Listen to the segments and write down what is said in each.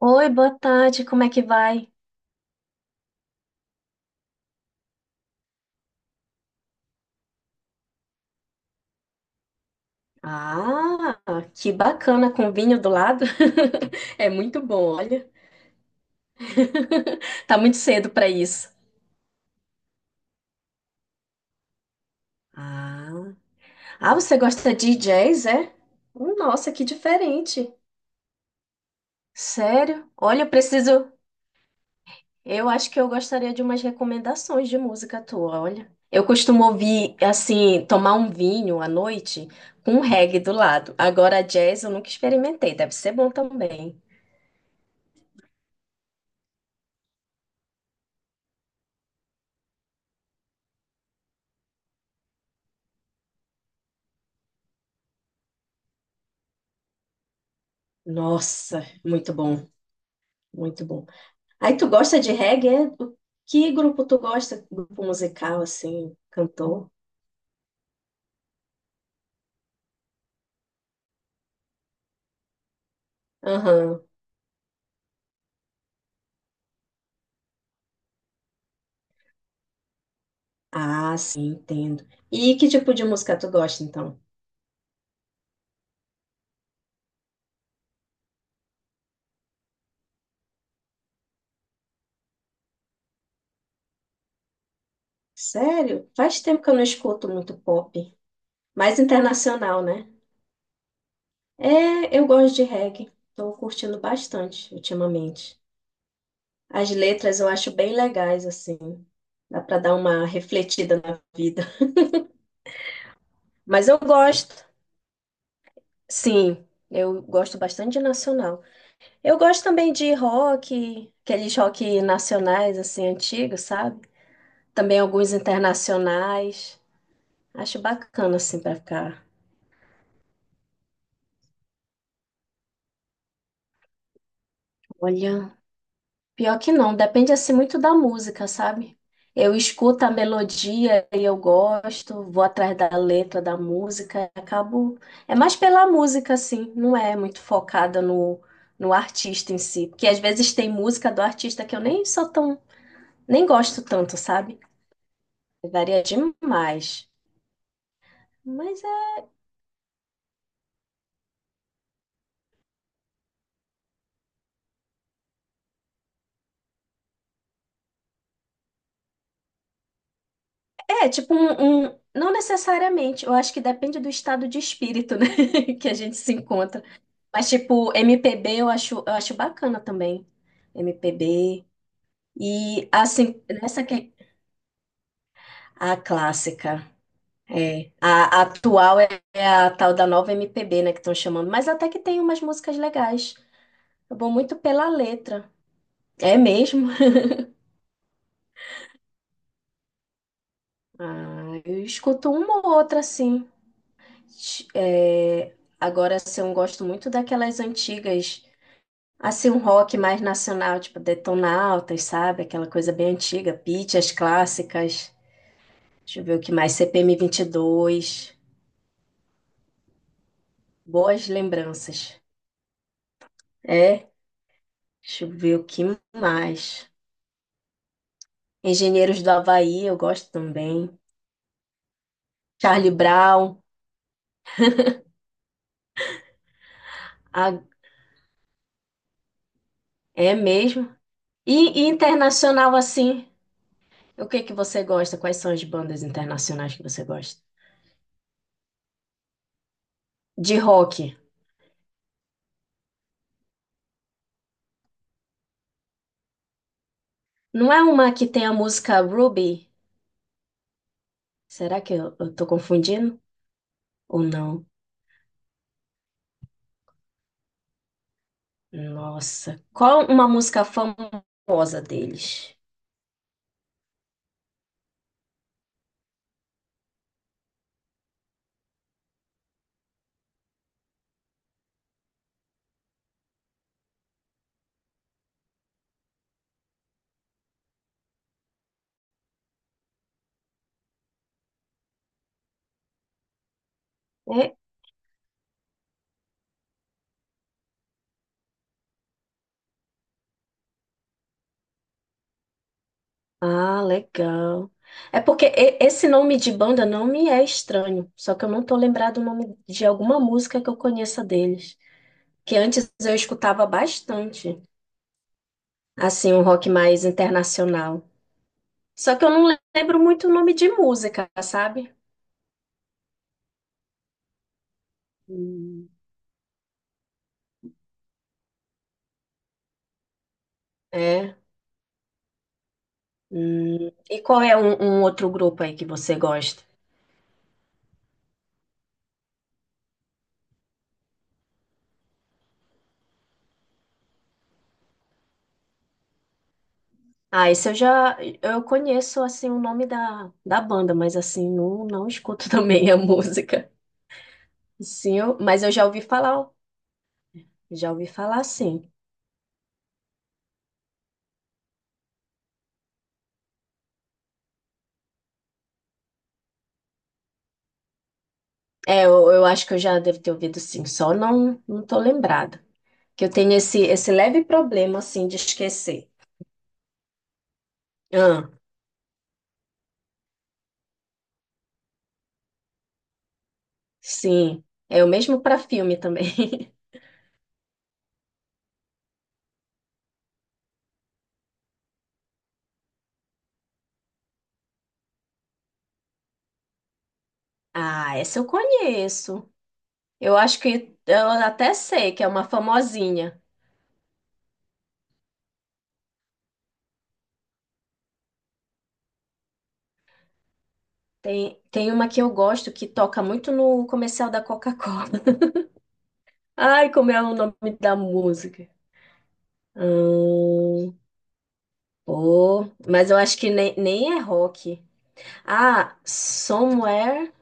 Oi, boa tarde, como é que vai? Ah, que bacana com vinho do lado. É muito bom, olha. Tá muito cedo pra isso. Ah, ah, você gosta de jazz, é? Nossa, que diferente. Sério? Olha, eu preciso. Eu acho que eu gostaria de umas recomendações de música tua, olha. Eu costumo ouvir, assim, tomar um vinho à noite com um reggae do lado. Agora, jazz eu nunca experimentei, deve ser bom também. Nossa, muito bom. Muito bom. Aí tu gosta de reggae? É? Que grupo tu gosta? Grupo musical, assim, cantor? Aham. Ah, sim, entendo. E que tipo de música tu gosta, então? Sério? Faz tempo que eu não escuto muito pop. Mais internacional, né? É, eu gosto de reggae. Tô curtindo bastante ultimamente. As letras eu acho bem legais, assim. Dá pra dar uma refletida na vida. Mas eu gosto, sim. Eu gosto bastante de nacional. Eu gosto também de rock, aqueles rock nacionais, assim, antigos, sabe? Também alguns internacionais. Acho bacana, assim, pra ficar. Olha, pior que não, depende, assim, muito da música, sabe? Eu escuto a melodia e eu gosto, vou atrás da letra da música, acabo. É mais pela música, assim, não é muito focada no artista em si. Porque às vezes tem música do artista que eu nem sou tão, nem gosto tanto, sabe? Varia demais. Mas é tipo não necessariamente, eu acho que depende do estado de espírito, né, que a gente se encontra. Mas tipo, MPB eu acho bacana também. MPB e assim, nessa que a clássica, é, a atual é a tal da nova MPB, né, que estão chamando, mas até que tem umas músicas legais. Eu vou muito pela letra. É mesmo. Ah, eu escuto uma ou outra assim. É, agora, assim, eu gosto muito daquelas antigas, assim, um rock mais nacional, tipo Detonautas, sabe? Aquela coisa bem antiga, Pitty, as clássicas. Deixa eu ver o que mais, CPM dois, boas lembranças. É, deixa eu ver o que mais. Engenheiros do Havaí, eu gosto também. Charlie Brown, ah, é mesmo. E internacional, assim, o que que você gosta? Quais são as bandas internacionais que você gosta? De rock. Não é uma que tem a música Ruby? Será que eu tô confundindo? Ou não? Nossa. Qual uma música famosa deles? É? Ah, legal. É porque esse nome de banda não me é estranho, só que eu não tô lembrado o nome de alguma música que eu conheça deles. Que antes eu escutava bastante, assim, um rock mais internacional. Só que eu não lembro muito o nome de música, sabe? Hum. É. E qual é um outro grupo aí que você gosta? Ah, esse eu já eu conheço assim o nome da banda, mas assim não, não escuto também a música. Sim, eu- mas eu já ouvi falar, ó. Já ouvi falar, sim. É, eu acho que eu já devo ter ouvido sim, só não tô lembrada. Que eu tenho esse leve problema assim de esquecer. Ah, sim. É o mesmo para filme também. Ah, essa eu conheço. Eu acho que eu até sei que é uma famosinha. Tem, tem uma que eu gosto que toca muito no comercial da Coca-Cola. Ai, como é o nome da música? Hum, Pô, mas eu acho que nem, nem é rock. Ah, Somewhere?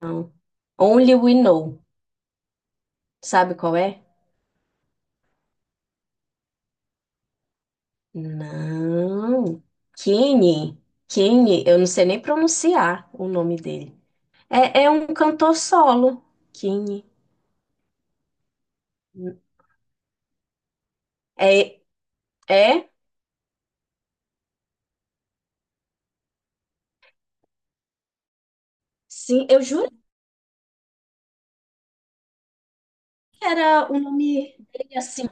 Não. Only We Know. Sabe qual é? Não. Kenny. Kenny, eu não sei nem pronunciar o nome dele. É, é um cantor solo. Kenny. É, é? Sim, eu juro que era o nome dele assim.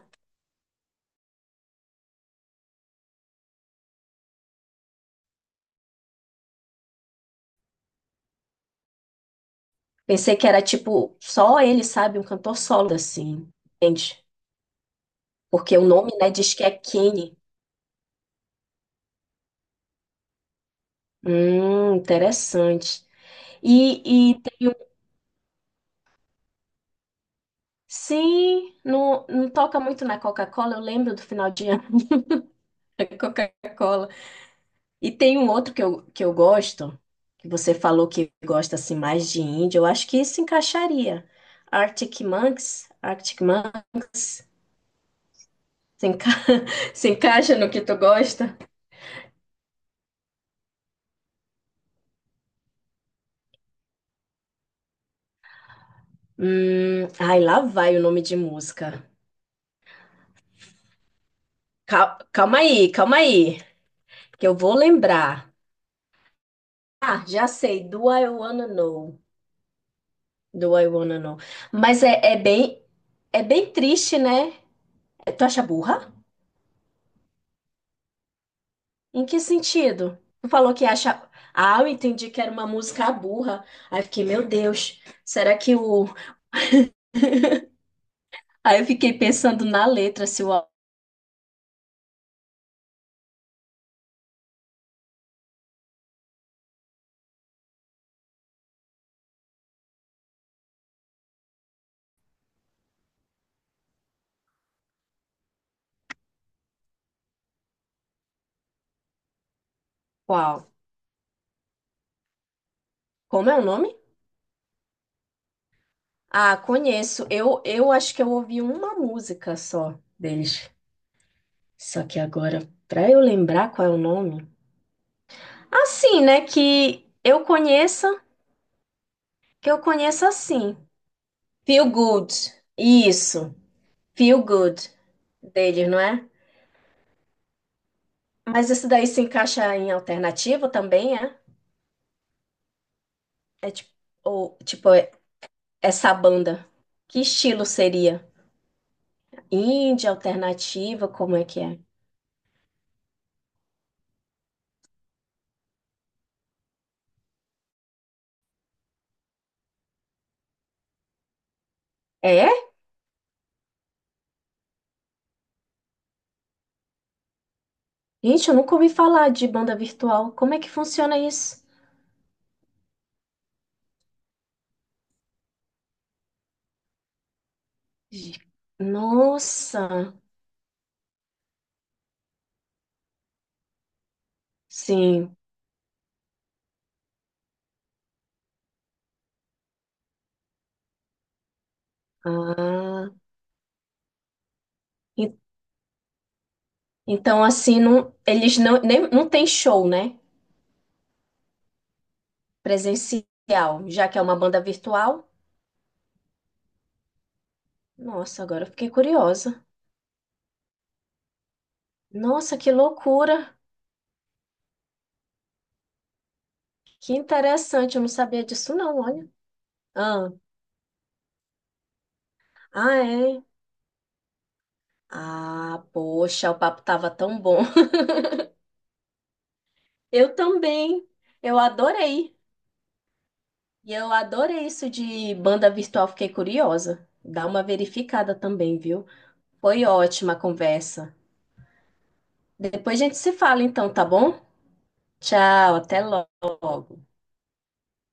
Pensei que era tipo, só ele sabe, um cantor solo assim, entende? Porque o nome, né, diz que é Kenny. Interessante. E sim, não, não toca muito na Coca-Cola, eu lembro do final de ano da Coca-Cola. E tem um outro que eu gosto, que você falou que gosta assim mais de indie, eu acho que se encaixaria. Arctic Monkeys, Arctic Monkeys, se enca- se encaixa no que tu gosta? Ai, lá vai o nome de música. Calma aí, que eu vou lembrar. Ah, já sei. Do I Wanna Know. Do I Wanna Know. Mas é, é bem triste, né? Tu acha burra? Em que sentido? Tu falou que acha. Ah, eu entendi que era uma música burra. Aí eu fiquei, meu Deus, será que o. Aí eu fiquei pensando na letra, se o. Qual? Como é o nome? Ah, conheço. Eu acho que eu ouvi uma música só deles. Só que agora, pra eu lembrar qual é o nome. Assim, né? Que eu conheça assim. Feel Good. Isso. Feel Good deles, não é? Mas isso daí se encaixa em alternativa também, é? É tipo, ou, tipo, essa banda. Que estilo seria? Indie, alternativa, como é que é? É? Gente, eu nunca ouvi falar de banda virtual. Como é que funciona isso? Gi- Nossa, sim. Ah. Então, assim, não, eles não, nem, não tem show, né? Presencial, já que é uma banda virtual. Nossa, agora eu fiquei curiosa. Nossa, que loucura! Que interessante, eu não sabia disso, não, olha. Ah, ah, é? Ah, poxa, o papo tava tão bom. Eu também, eu adorei. E eu adorei isso de banda virtual, fiquei curiosa. Dá uma verificada também, viu? Foi ótima a conversa. Depois a gente se fala, então, tá bom? Tchau, até logo.